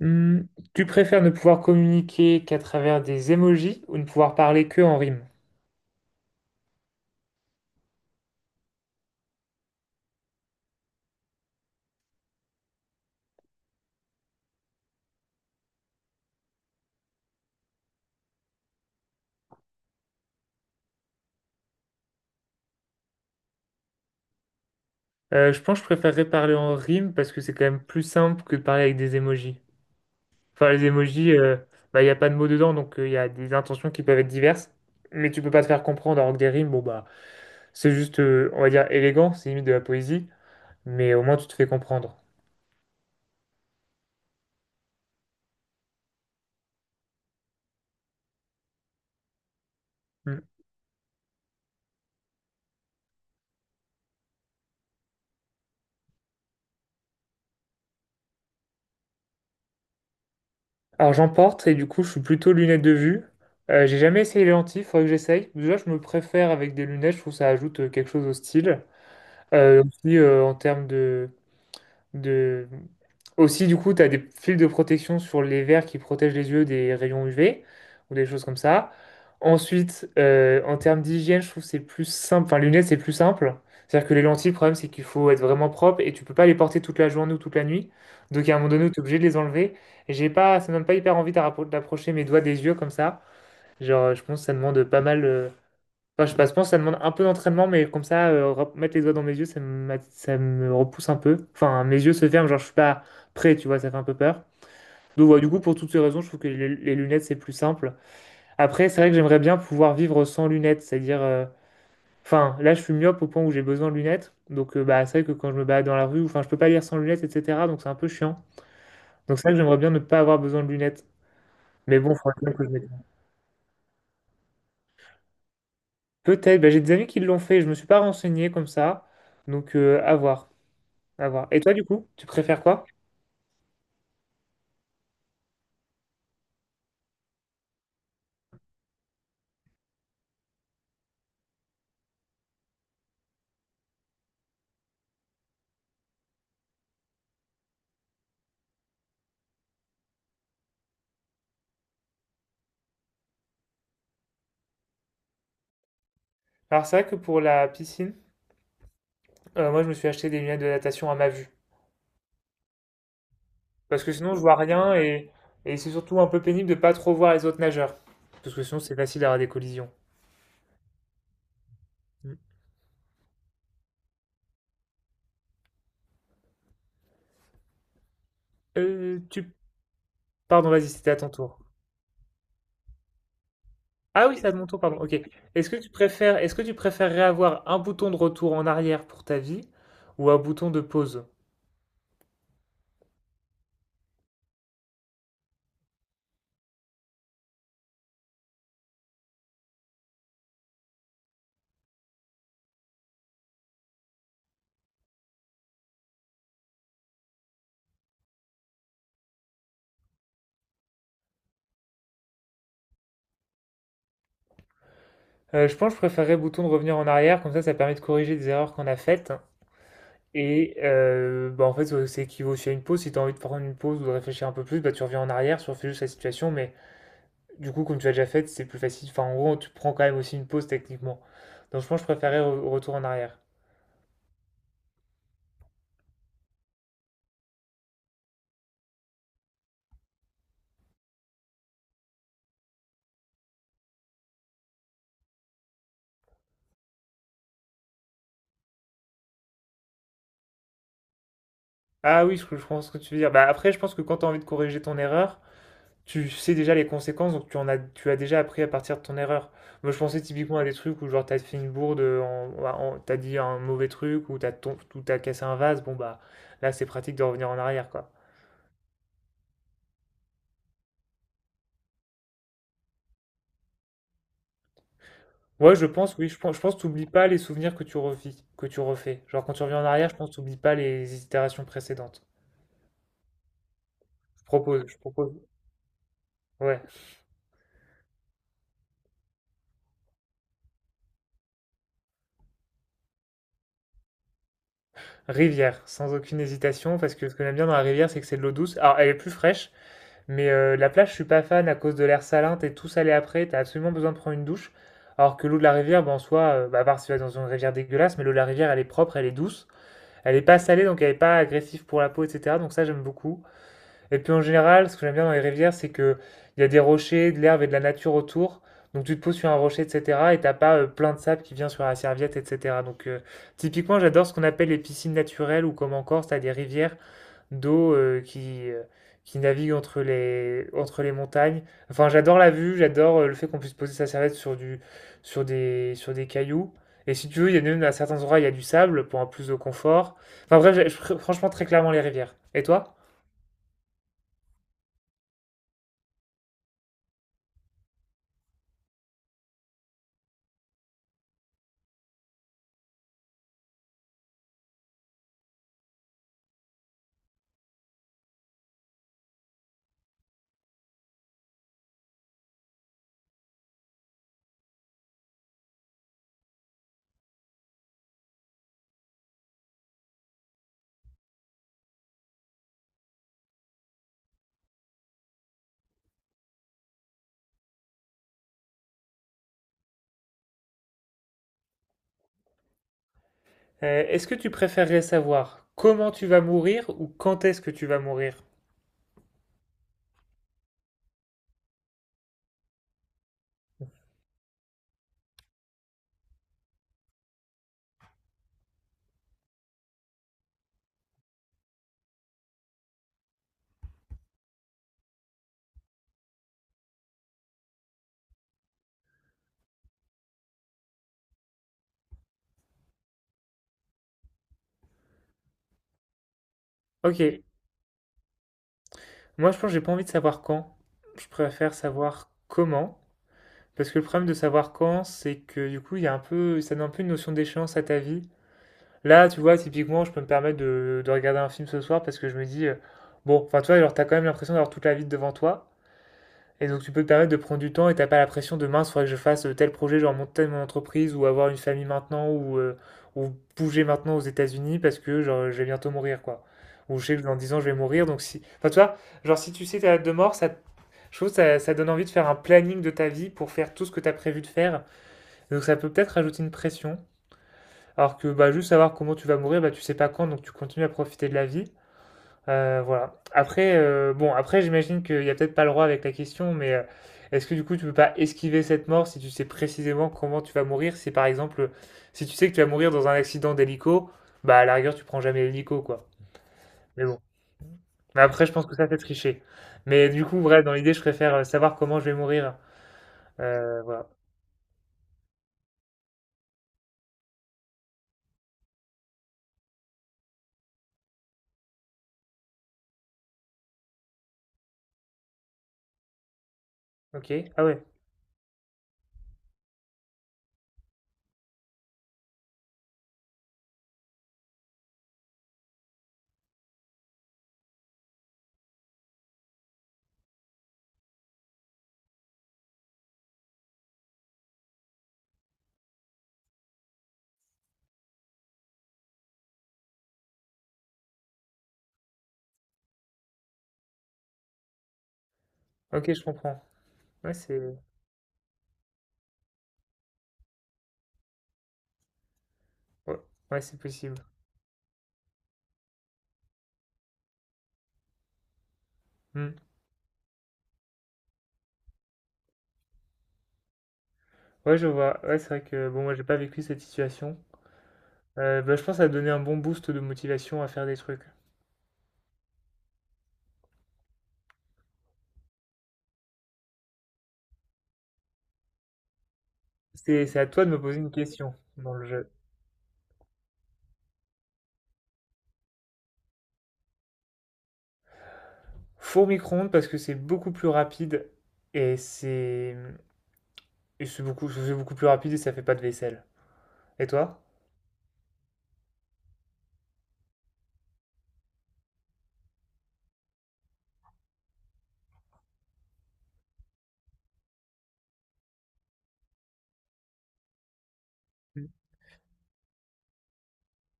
Hmm, Tu préfères ne pouvoir communiquer qu'à travers des emojis ou ne pouvoir parler que en rime? Je pense que je préférerais parler en rime parce que c'est quand même plus simple que de parler avec des emojis. Enfin, les emojis, bah, il n'y a pas de mots dedans, donc il y a des intentions qui peuvent être diverses, mais tu peux pas te faire comprendre. Alors que des rimes, bon, bah, c'est juste, on va dire, élégant, c'est limite de la poésie, mais au moins tu te fais comprendre. Hmm. Alors j'en porte et du coup, je suis plutôt lunettes de vue. J'ai jamais essayé les lentilles, faudrait que j'essaye. Déjà, je me préfère avec des lunettes, je trouve que ça ajoute quelque chose au style. Aussi, en termes de... Aussi, du coup, tu as des fils de protection sur les verres qui protègent les yeux des rayons UV ou des choses comme ça. Ensuite, en termes d'hygiène, je trouve que c'est plus simple. Enfin, les lunettes, c'est plus simple. C'est-à-dire que les lentilles, le problème, c'est qu'il faut être vraiment propre et tu peux pas les porter toute la journée ou toute la nuit. Donc, à un moment donné, tu es obligé de les enlever. Et j'ai pas, ça me donne pas hyper envie d'approcher mes doigts des yeux comme ça. Genre, je pense que ça demande pas mal. Enfin, je sais pas, je pense que ça demande un peu d'entraînement, mais comme ça, mettre les doigts dans mes yeux, ça me repousse un peu. Enfin, mes yeux se ferment, genre je suis pas prêt, tu vois, ça fait un peu peur. Donc voilà, du coup, pour toutes ces raisons, je trouve que les lunettes, c'est plus simple. Après, c'est vrai que j'aimerais bien pouvoir vivre sans lunettes, c'est-à-dire, enfin, là, je suis myope au point où j'ai besoin de lunettes. Donc, bah, c'est vrai que quand je me balade dans la rue, enfin, je peux pas lire sans lunettes, etc. Donc, c'est un peu chiant. Donc, c'est vrai que j'aimerais bien ne pas avoir besoin de lunettes. Mais bon, il faudrait bien que je mette. Peut-être, bah, j'ai des amis qui l'ont fait, je me suis pas renseigné comme ça. Donc, à voir. À voir. Et toi, du coup, tu préfères quoi? Alors, c'est vrai que pour la piscine, moi, je me suis acheté des lunettes de natation à ma vue. Parce que sinon, je vois rien et, et c'est surtout un peu pénible de pas trop voir les autres nageurs. Parce que sinon, c'est facile d'avoir des collisions. Mm. Euh, tu... Pardon, vas-y, c'était à ton tour. Ah oui, c'est à mon tour, pardon. Ok. Est-ce que tu préférerais avoir un bouton de retour en arrière pour ta vie ou un bouton de pause? Je pense que je préférerais le bouton de revenir en arrière, comme ça permet de corriger des erreurs qu'on a faites. Et bah, en fait, ouais, c'est équivaut aussi à une pause. Si tu as envie de prendre une pause ou de réfléchir un peu plus, bah, tu reviens en arrière, tu refais juste la situation. Mais du coup, comme tu l'as déjà fait, c'est plus facile. Enfin, en gros, tu prends quand même aussi une pause techniquement. Donc, je pense que je préférais retour en arrière. Ah oui, je pense que tu veux dire. Bah, après, je pense que quand tu as envie de corriger ton erreur, tu sais déjà les conséquences. Donc, tu, en as, tu as déjà appris à partir de ton erreur. Moi, je pensais typiquement à des trucs où, genre, tu as fait une bourde, t'as dit un mauvais truc, ou tu as, cassé un vase. Bon, bah, là, c'est pratique de revenir en arrière, quoi. Ouais, je pense, oui, je pense que t'oublies pas les souvenirs que tu revis, que tu refais. Genre quand tu reviens en arrière, je pense que t'oublies pas les itérations précédentes. Je propose. Ouais. Rivière, sans aucune hésitation, parce que ce que j'aime bien dans la rivière, c'est que c'est de l'eau douce. Alors elle est plus fraîche, mais la plage, je suis pas fan à cause de l'air salin, t'es tout salé après, t'as absolument besoin de prendre une douche. Alors que l'eau de la rivière, ben, en soi, bah, à part si tu vas dans une rivière dégueulasse, mais l'eau de la rivière, elle est propre, elle est douce. Elle est pas salée, donc elle est pas agressive pour la peau, etc. Donc ça, j'aime beaucoup. Et puis en général, ce que j'aime bien dans les rivières, c'est que il y a des rochers, de l'herbe et de la nature autour. Donc tu te poses sur un rocher, etc. Et t'as pas plein de sable qui vient sur la serviette, etc. Donc typiquement, j'adore ce qu'on appelle les piscines naturelles ou comme en Corse, t'as des rivières d'eau qui naviguent entre les montagnes. Enfin, j'adore la vue, j'adore le fait qu'on puisse poser sa serviette sur du, sur des cailloux. Et si tu veux, il y a même à certains endroits, il y a du sable pour un plus de confort. Enfin bref, franchement, très clairement les rivières. Et toi? Est-ce que tu préférerais savoir comment tu vas mourir ou quand est-ce que tu vas mourir? Ok, moi je pense que j'ai pas envie de savoir quand. Je préfère savoir comment. Parce que le problème de savoir quand, c'est que du coup, il y a un peu, ça donne un peu une notion d'échéance à ta vie. Là, tu vois, typiquement, je peux me permettre de regarder un film ce soir parce que je me dis, bon, enfin, tu vois, genre, t'as quand même l'impression d'avoir toute la vie devant toi. Et donc tu peux te permettre de prendre du temps et t'as pas la pression de mince, faudrait que je fasse tel projet, genre monter mon entreprise ou avoir une famille maintenant ou bouger maintenant aux États-Unis parce que genre, je vais bientôt mourir quoi. Ou je sais que dans 10 ans je vais mourir donc si. Enfin tu vois, genre si tu sais ta date de mort, ça, je trouve que ça donne envie de faire un planning de ta vie pour faire tout ce que t'as prévu de faire. Et donc ça peut peut-être rajouter une pression. Alors que bah, juste savoir comment tu vas mourir, bah, tu sais pas quand donc tu continues à profiter de la vie. Voilà. Bon, après, j'imagine qu'il n'y a peut-être pas le droit avec la question, mais est-ce que du coup, tu peux pas esquiver cette mort si tu sais précisément comment tu vas mourir? Si par exemple, si tu sais que tu vas mourir dans un accident d'hélico, bah à la rigueur, tu prends jamais l'hélico, quoi. Mais bon. Mais après, je pense que ça, c'est tricher. Mais du coup, bref, dans l'idée, je préfère savoir comment je vais mourir. Voilà. Ok. Ah ouais. Ok, je comprends. Ouais, c'est ouais. Ouais, c'est possible. Hmm. Ouais, je vois. Ouais, c'est vrai que bon, moi, j'ai pas vécu cette situation. Bah, je pense, que ça va donner un bon boost de motivation à faire des trucs. C'est à toi de me poser une question dans le jeu. Four micro-ondes parce que c'est beaucoup plus rapide et c'est, mmh et c'est beaucoup plus rapide et ça fait pas de vaisselle. Et toi? Mmh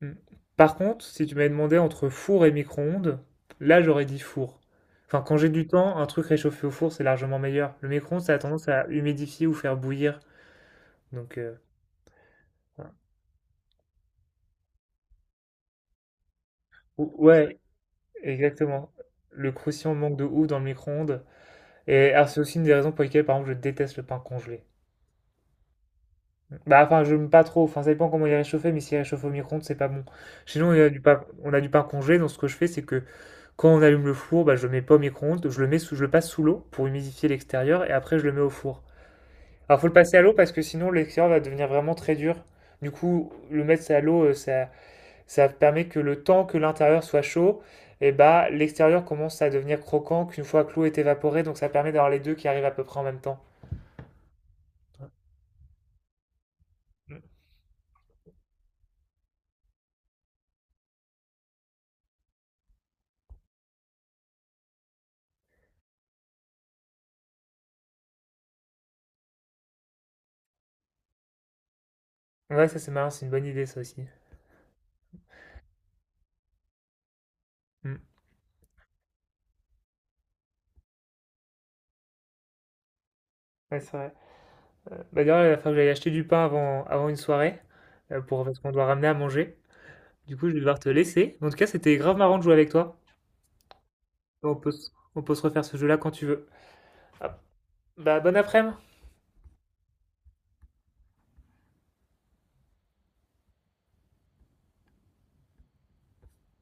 mh. Par contre, si tu m'avais demandé entre four et micro-ondes, là, j'aurais dit four. Enfin, quand j'ai du temps, un truc réchauffé au four, c'est largement meilleur. Le micro-ondes, ça a tendance à humidifier ou faire bouillir, donc ouais. Ouais, exactement. Le croustillant manque de ouf dans le micro-ondes. Et alors, c'est aussi une des raisons pour lesquelles, par exemple, je déteste le pain congelé. Bah, enfin, je n'aime pas trop. Enfin, ça dépend comment il est réchauffé, mais s'il est réchauffé au micro-ondes, c'est pas bon. Chez nous, on a du pain, on a du pain congelé. Donc, ce que je fais, c'est que quand on allume le four, bah, je le mets pas au micro-ondes. Je le mets sous, je le passe sous l'eau pour humidifier l'extérieur et après, je le mets au four. Alors, faut le passer à l'eau parce que sinon, l'extérieur va devenir vraiment très dur. Du coup, le mettre à l'eau, ça. Ça permet que le temps que l'intérieur soit chaud, et bah l'extérieur commence à devenir croquant qu'une fois que l'eau est évaporée, donc ça permet d'avoir les deux qui arrivent à peu près en même temps. Mm. Ouais, ça c'est marrant, c'est une bonne idée ça aussi. Mm. Ouais, c'est vrai. Bah d'ailleurs, il va falloir que j'aille acheter du pain avant, avant une soirée, pour, parce qu'on doit ramener à manger. Du coup, je vais devoir te laisser. En tout cas, c'était grave marrant de jouer avec toi. On peut, se- on peut se refaire ce jeu-là quand tu veux. Ah, bah, bon après-midi!